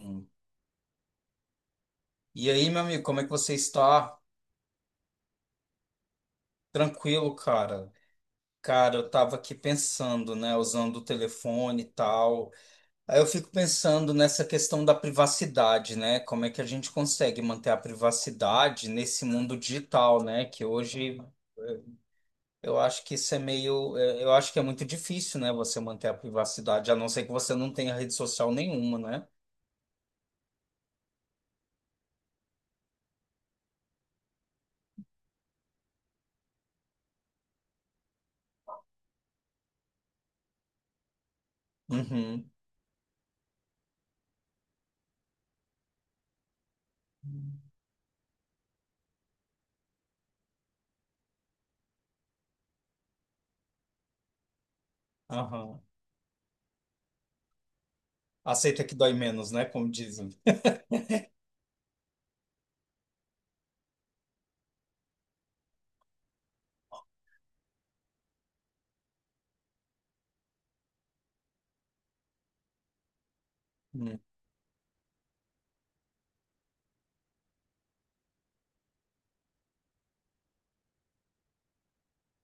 Hum. E aí, meu amigo, como é que você está? Tranquilo, cara? Cara, eu tava aqui pensando, né, usando o telefone e tal. Aí eu fico pensando nessa questão da privacidade, né? Como é que a gente consegue manter a privacidade nesse mundo digital, né? Que hoje eh, eu acho que isso é meio, é, eu acho que é muito difícil, né, você manter a privacidade, a não ser que você não tenha rede social nenhuma, né? Uhum. Aham. Aceita que dói menos, né? Como dizem.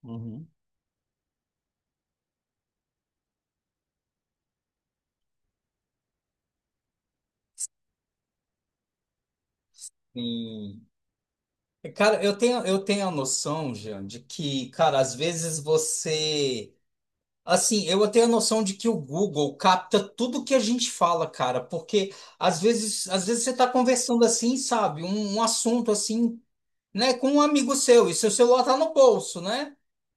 Uhum. Sim. Cara, eu tenho a noção, Jean, de que, cara, às vezes você. Assim, eu tenho a noção de que o Google capta tudo que a gente fala, cara, porque às vezes você tá conversando assim, sabe, um assunto assim, né, com um amigo seu, e seu celular tá no bolso, né?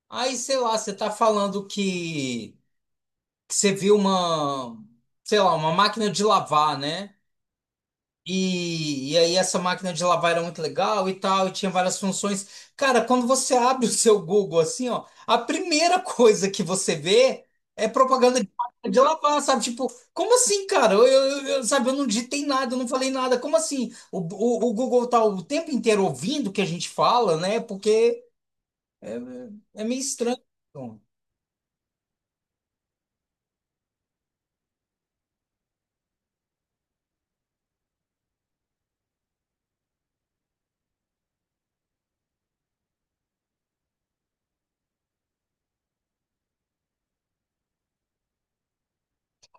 Aí, sei lá, você tá falando que você viu uma, sei lá, uma máquina de lavar, né? E aí essa máquina de lavar era muito legal e tal, e tinha várias funções. Cara, quando você abre o seu Google assim, ó, a primeira coisa que você vê é propaganda de máquina de lavar, sabe? Tipo, como assim, cara? Sabe, eu não digitei nada, eu não falei nada. Como assim? O Google tá o tempo inteiro ouvindo o que a gente fala, né? Porque é, é meio estranho. Então.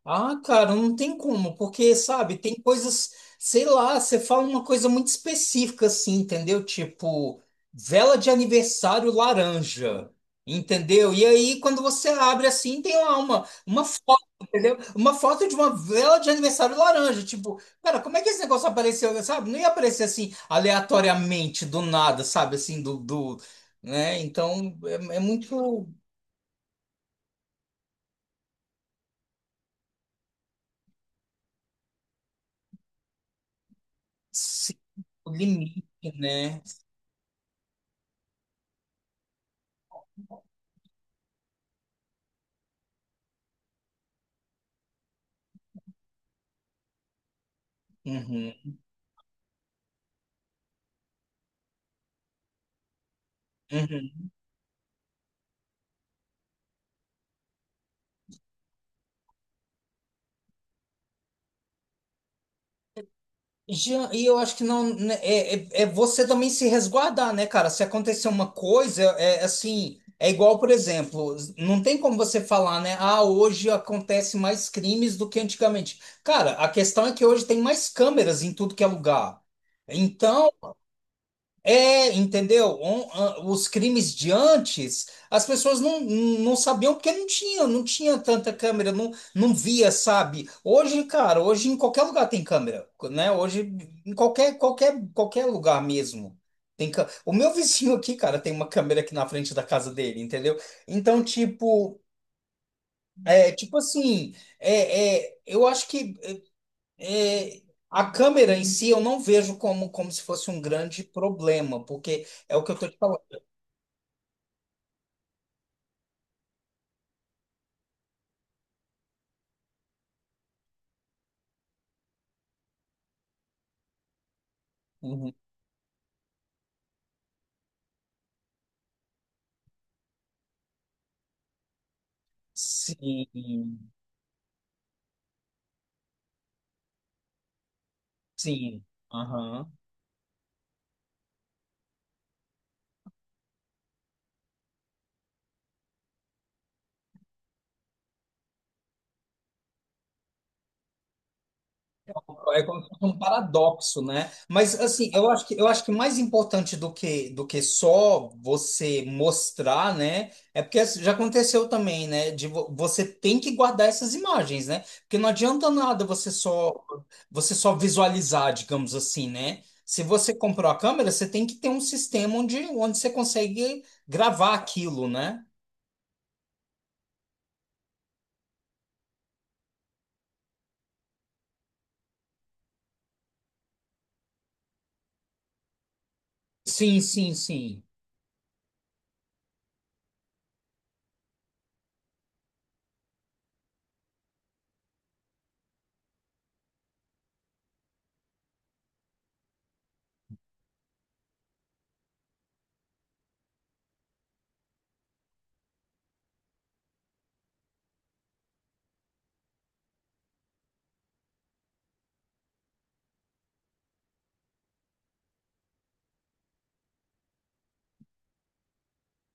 Ah, cara, não tem como, porque, sabe, tem coisas, sei lá, você fala uma coisa muito específica assim, entendeu? Tipo, vela de aniversário laranja, entendeu? E aí, quando você abre assim, tem lá uma foto, entendeu? Uma foto de uma vela de aniversário laranja. Tipo, cara, como é que esse negócio apareceu, sabe? Não ia aparecer assim, aleatoriamente, do nada, sabe? Assim, né? Então, é, é muito sim, o limite, né? Uhum, uhum. Jean, e eu acho que não né, é você também se resguardar, né, cara? Se acontecer uma coisa, é assim, é igual, por exemplo, não tem como você falar, né? Ah, hoje acontece mais crimes do que antigamente. Cara, a questão é que hoje tem mais câmeras em tudo que é lugar. Então, é, entendeu? On- a- Os crimes de antes, as pessoas não sabiam porque não tinha tanta câmera, não, não via, sabe? Hoje, cara, hoje em qualquer lugar tem câmera, né? Hoje em qualquer lugar mesmo. Tem cã- O meu vizinho aqui, cara, tem uma câmera aqui na frente da casa dele, entendeu? Então, tipo, é, tipo assim, é, é, eu acho que é, a câmera em si eu não vejo como, como se fosse um grande problema, porque é o que eu tô te falando. Uhum. Sim, sim. Aham. É como se fosse um paradoxo, né? Mas assim, eu acho que mais importante do que só você mostrar, né? É porque assim, já aconteceu também, né? De vo- você tem que guardar essas imagens, né? Porque não adianta nada você só visualizar, digamos assim, né? Se você comprou a câmera, você tem que ter um sistema onde você consegue gravar aquilo, né? Sim.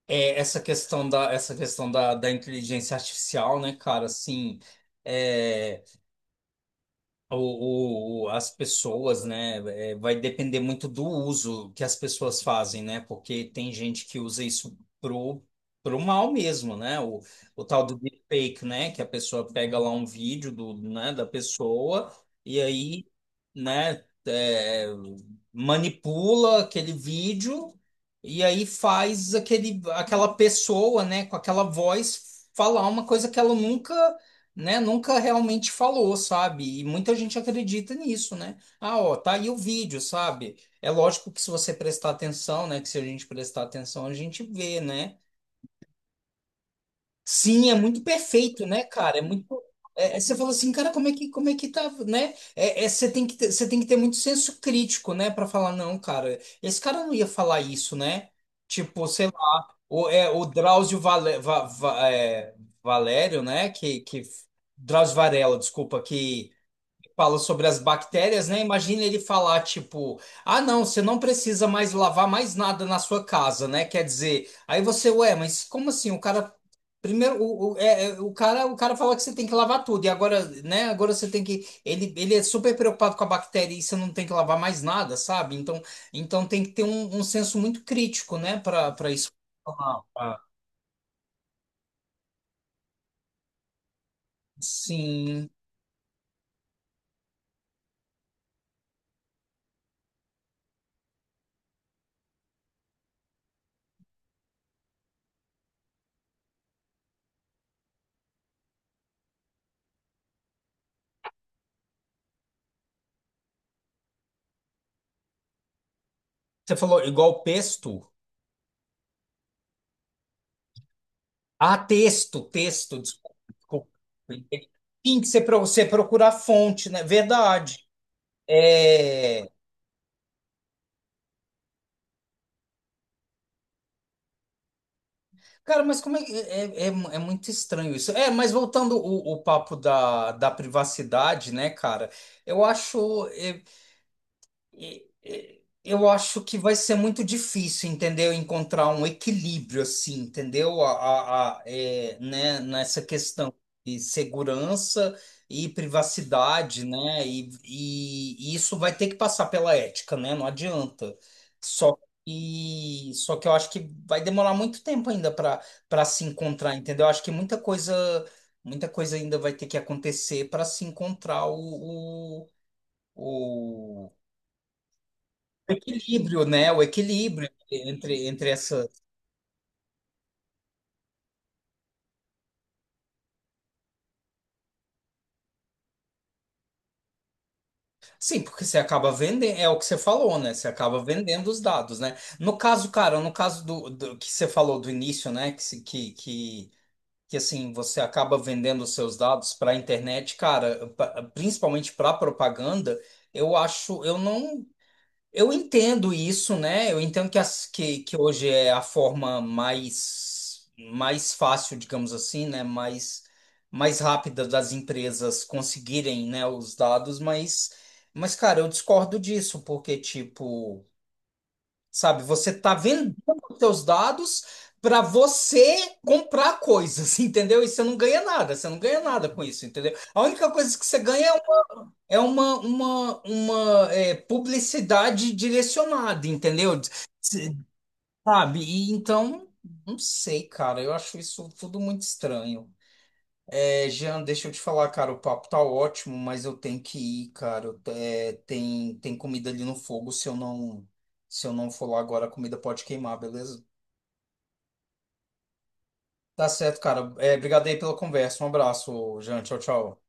É, da inteligência artificial, né, cara, assim, é. O- as pessoas, né, é, vai depender muito do uso que as pessoas fazem, né, porque tem gente que usa isso pro mal mesmo, né, o tal do deepfake, né, que a pessoa pega lá um vídeo do, né, da pessoa e aí, né, é, manipula aquele vídeo e aí faz aquele, aquela pessoa, né, com aquela voz falar uma coisa que ela nunca né, nunca realmente falou, sabe? E muita gente acredita nisso, né? Ah, ó, tá aí o vídeo, sabe? É lógico que se você prestar atenção, né, que se a gente prestar atenção, a gente vê, né? Sim, é muito perfeito, né, cara? É muito é, é- você fala assim, cara, como é que tá, né? É, é, você tem que ter muito senso crítico, né, para falar não, cara. Esse cara não ia falar isso, né? Tipo, sei lá, o, é, o Drauzio Vale- Va- Va- é, Valério, né, que Drauzio Varela, desculpa, que fala sobre as bactérias, né? Imagina ele falar tipo, ah, não, você não precisa mais lavar mais nada na sua casa, né? Quer dizer, aí você, ué, mas como assim? O cara primeiro, o, é, é, o cara fala que você tem que lavar tudo e agora, né? Agora você tem que, ele é super preocupado com a bactéria e você não tem que lavar mais nada, sabe? Então tem que ter um, um senso muito crítico, né? Para isso. Ah, ah, Sim. Você falou igual pesto. Ah, texto, texto, desculpa. Desculpa. Tem que ser para você procurar fonte, né? Verdade. É... Cara, mas como é, que- é, é, é muito estranho isso. É, mas voltando o papo da, da privacidade, né, cara? Eu acho. É, Eu acho que vai ser muito difícil, entendeu? Encontrar um equilíbrio assim, entendeu? A, é, né? Nessa questão de segurança e privacidade, né? E isso vai ter que passar pela ética, né? Não adianta. Só só que eu acho que vai demorar muito tempo ainda para se encontrar, entendeu? Eu acho que muita coisa ainda vai ter que acontecer para se encontrar o- o equilíbrio, né? O equilíbrio entre, entre essa. Sim, porque você acaba vendendo, é o que você falou, né? Você acaba vendendo os dados, né? No caso, cara, no caso do, do que você falou do início, né? Que, se- que assim, você acaba vendendo os seus dados para a internet, cara, pa- principalmente para propaganda, eu acho, eu não. Eu entendo isso, né? Eu entendo que, as, que hoje é a forma mais, mais fácil, digamos assim, né? Mais, mais rápida das empresas conseguirem, né, os dados, mas, cara, eu discordo disso, porque, tipo, sabe, você tá vendendo os seus dados para você comprar coisas, entendeu? E você não ganha nada com isso, entendeu? A única coisa que você ganha é uma é, publicidade direcionada, entendeu? S- Sabe? E então, não sei, cara. Eu acho isso tudo muito estranho. É, Jean, deixa eu te falar, cara. O papo tá ótimo, mas eu tenho que ir, cara. Eu te- é, tem, tem comida ali no fogo. Se eu não for lá agora, a comida pode queimar, beleza? Tá certo, cara. É, obrigado aí pela conversa. Um abraço, Jean. Tchau, tchau.